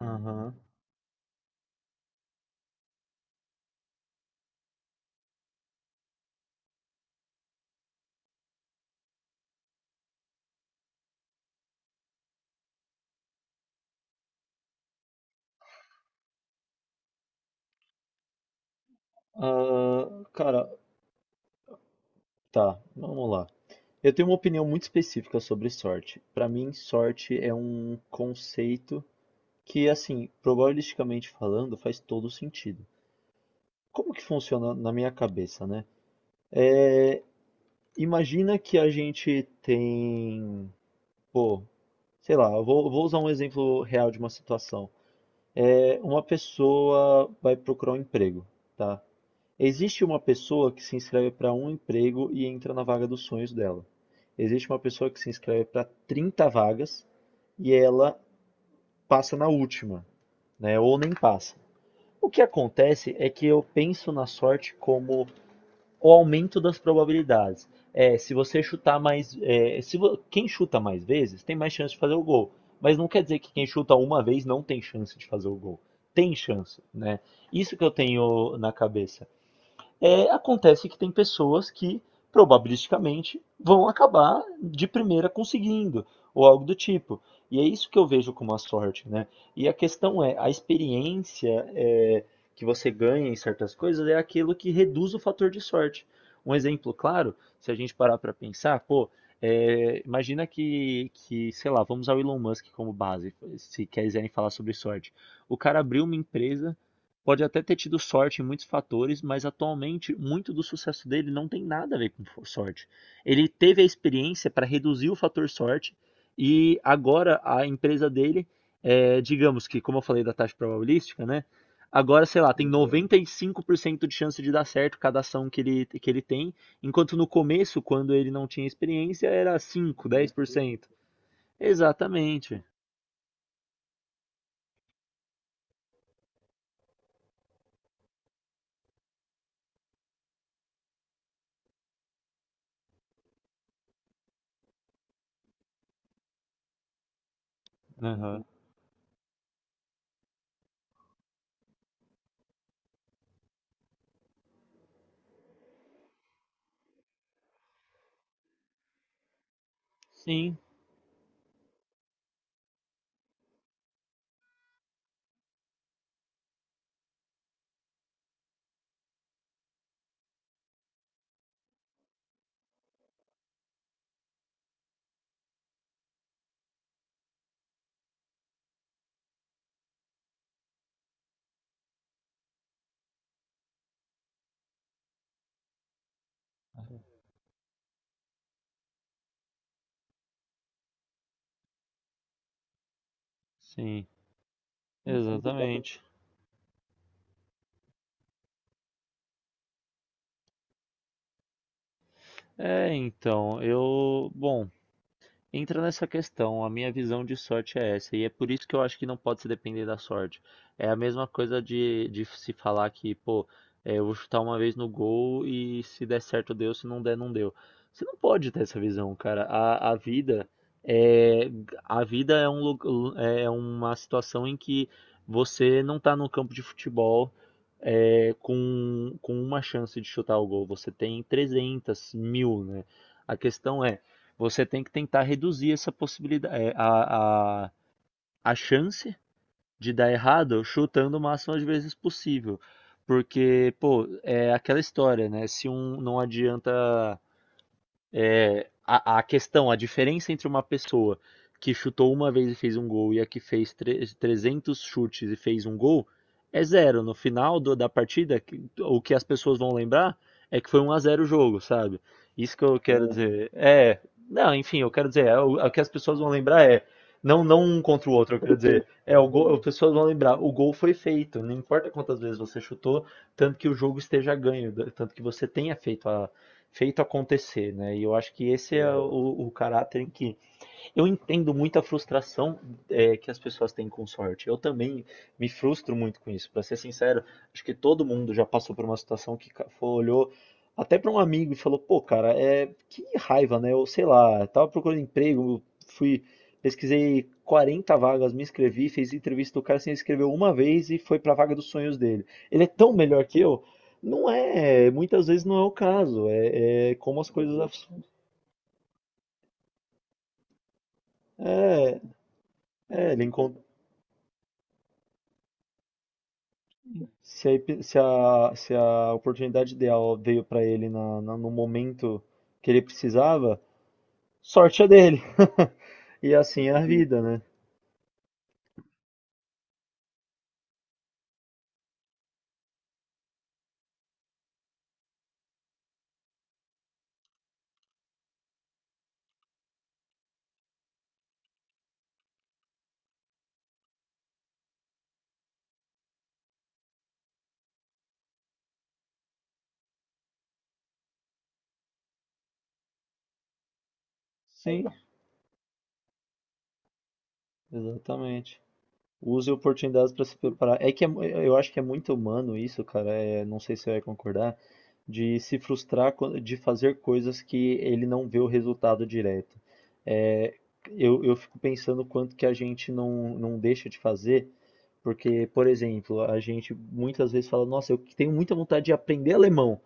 Aham. Ah, cara, tá, vamos lá. Eu tenho uma opinião muito específica sobre sorte. Pra mim, sorte é um conceito que, assim, probabilisticamente falando, faz todo sentido. Como que funciona na minha cabeça, né? Imagina que a gente tem, pô, sei lá, eu vou usar um exemplo real de uma situação. Uma pessoa vai procurar um emprego, tá? Existe uma pessoa que se inscreve para um emprego e entra na vaga dos sonhos dela. Existe uma pessoa que se inscreve para 30 vagas e ela passa na última, né? Ou nem passa. O que acontece é que eu penso na sorte como o aumento das probabilidades. Se você chutar mais, é, se vo- quem chuta mais vezes tem mais chance de fazer o gol. Mas não quer dizer que quem chuta uma vez não tem chance de fazer o gol. Tem chance, né? Isso que eu tenho na cabeça. Acontece que tem pessoas que probabilisticamente vão acabar de primeira conseguindo, ou algo do tipo. E é isso que eu vejo como a sorte, né? E a questão é, a experiência que você ganha em certas coisas é aquilo que reduz o fator de sorte. Um exemplo claro, se a gente parar para pensar, pô, imagina que, sei lá, vamos ao Elon Musk como base, se quiserem falar sobre sorte. O cara abriu uma empresa, pode até ter tido sorte em muitos fatores, mas atualmente muito do sucesso dele não tem nada a ver com sorte. Ele teve a experiência para reduzir o fator sorte e agora a empresa dele, é, digamos que, como eu falei da taxa probabilística, né? Agora, sei lá, tem 95% de chance de dar certo cada ação que ele tem, enquanto no começo, quando ele não tinha experiência, era 5, 10%. Exatamente. Aham. Sim, sim, exatamente. É, então, eu. Bom. Entra nessa questão, a minha visão de sorte é essa, e é por isso que eu acho que não pode se depender da sorte. É a mesma coisa de se falar que, pô, eu vou chutar uma vez no gol e se der certo deu, se não der, não deu. Você não pode ter essa visão, cara. A vida é, a vida é, é é uma situação em que você não tá no campo de futebol, é, com uma chance de chutar o gol. Você tem 300, mil, né? A questão é. Você tem que tentar reduzir essa possibilidade, é, a chance de dar errado chutando o máximo de vezes possível. Porque, pô, é aquela história, né? Se um não adianta, é, a, a diferença entre uma pessoa que chutou uma vez e fez um gol e a que fez 300 chutes e fez um gol é zero. No final da partida, o que as pessoas vão lembrar é que foi um a zero o jogo, sabe? Isso que eu quero dizer. É, não, enfim, eu quero dizer, é, o que as pessoas vão lembrar é não, não um contra o outro, eu quero dizer, é o gol, as pessoas vão lembrar, o gol foi feito, não importa quantas vezes você chutou, tanto que o jogo esteja ganho, tanto que você tenha feito a, feito acontecer, né? E eu acho que esse é o caráter em que eu entendo muito a frustração, é, que as pessoas têm com sorte. Eu também me frustro muito com isso. Para ser sincero, acho que todo mundo já passou por uma situação que olhou até para um amigo e falou: pô, cara, é que raiva, né? Eu sei lá, tava procurando emprego, fui pesquisei 40 vagas, me inscrevi, fiz entrevista do cara, se inscreveu uma vez e foi para a vaga dos sonhos dele. Ele é tão melhor que eu. Não é, muitas vezes não é o caso. É, é como as coisas. É, é, ele encontrou. Se a, epi- se a, se a oportunidade ideal veio para ele na, no momento que ele precisava, sorte é dele. E assim é a vida, né? Sim, exatamente. Use oportunidades para se preparar. É que é mu- eu acho que é muito humano isso, cara. É, não sei se você vai concordar, de se frustrar, de fazer coisas que ele não vê o resultado direto. É, eu fico pensando quanto que a gente não deixa de fazer. Porque, por exemplo, a gente muitas vezes fala, nossa, eu tenho muita vontade de aprender alemão,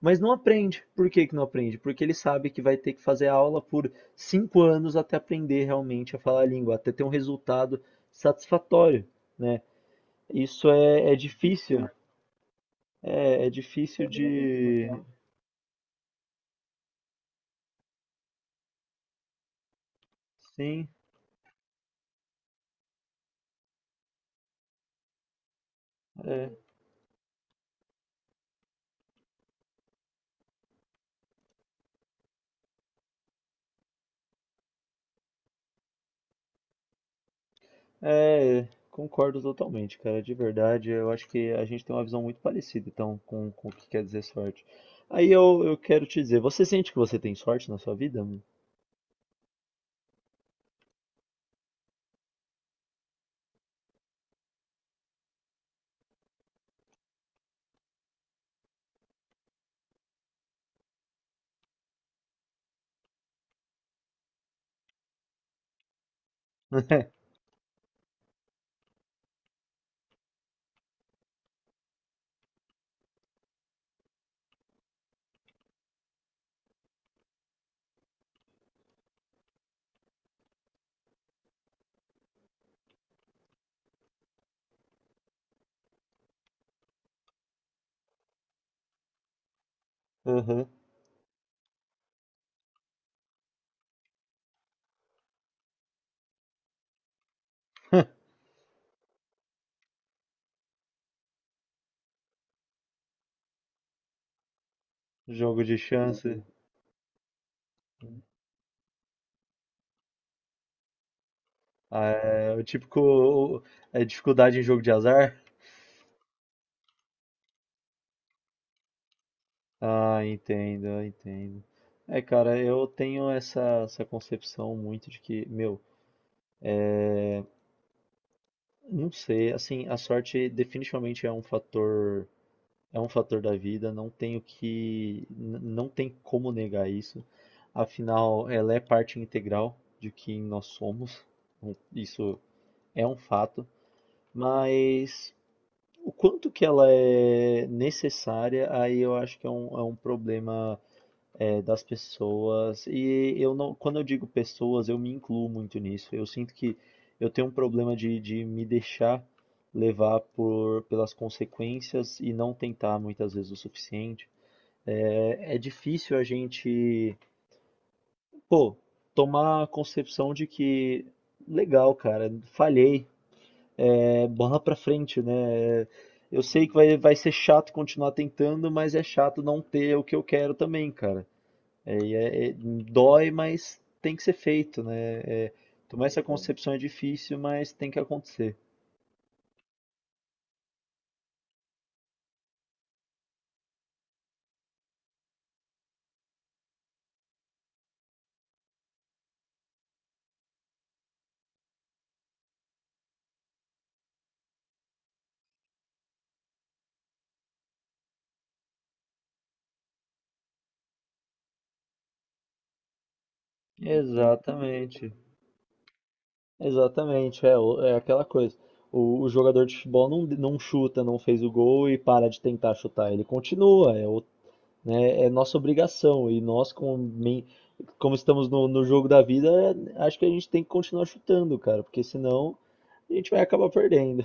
mas não aprende. Por que que não aprende? Porque ele sabe que vai ter que fazer aula por cinco anos até aprender realmente a falar a língua, até ter um resultado satisfatório, né? Isso é, é difícil de... Sim, é, é, concordo totalmente, cara, de verdade. Eu acho que a gente tem uma visão muito parecida, então, com o que quer dizer sorte. Aí eu quero te dizer, você sente que você tem sorte na sua vida, mano? Aham. Jogo de chance. Ah, é, o típico é dificuldade em jogo de azar. Ah, entendo, eu entendo. É, cara, eu tenho essa concepção muito de que, meu, não sei, assim, a sorte definitivamente é um fator. É um fator da vida, não tenho que, não tem como negar isso. Afinal, ela é parte integral de quem nós somos. Isso é um fato. Mas o quanto que ela é necessária, aí eu acho que é um problema, é, das pessoas. E eu não, quando eu digo pessoas, eu me incluo muito nisso. Eu sinto que eu tenho um problema de me deixar levar por, pelas consequências e não tentar muitas vezes o suficiente. É, é difícil a gente, pô, tomar a concepção de que, legal, cara, falhei, é bola pra frente, né? Eu sei que vai ser chato continuar tentando, mas é chato não ter o que eu quero também, cara. É, e dói, mas tem que ser feito, né? É, tomar essa Uhum. concepção é difícil, mas tem que acontecer. Exatamente. Exatamente, é, é aquela coisa. O jogador de futebol não chuta, não fez o gol e para de tentar chutar. Ele continua, é, né, é nossa obrigação. E nós, como, como estamos no, no jogo da vida, é, acho que a gente tem que continuar chutando, cara, porque senão a gente vai acabar perdendo.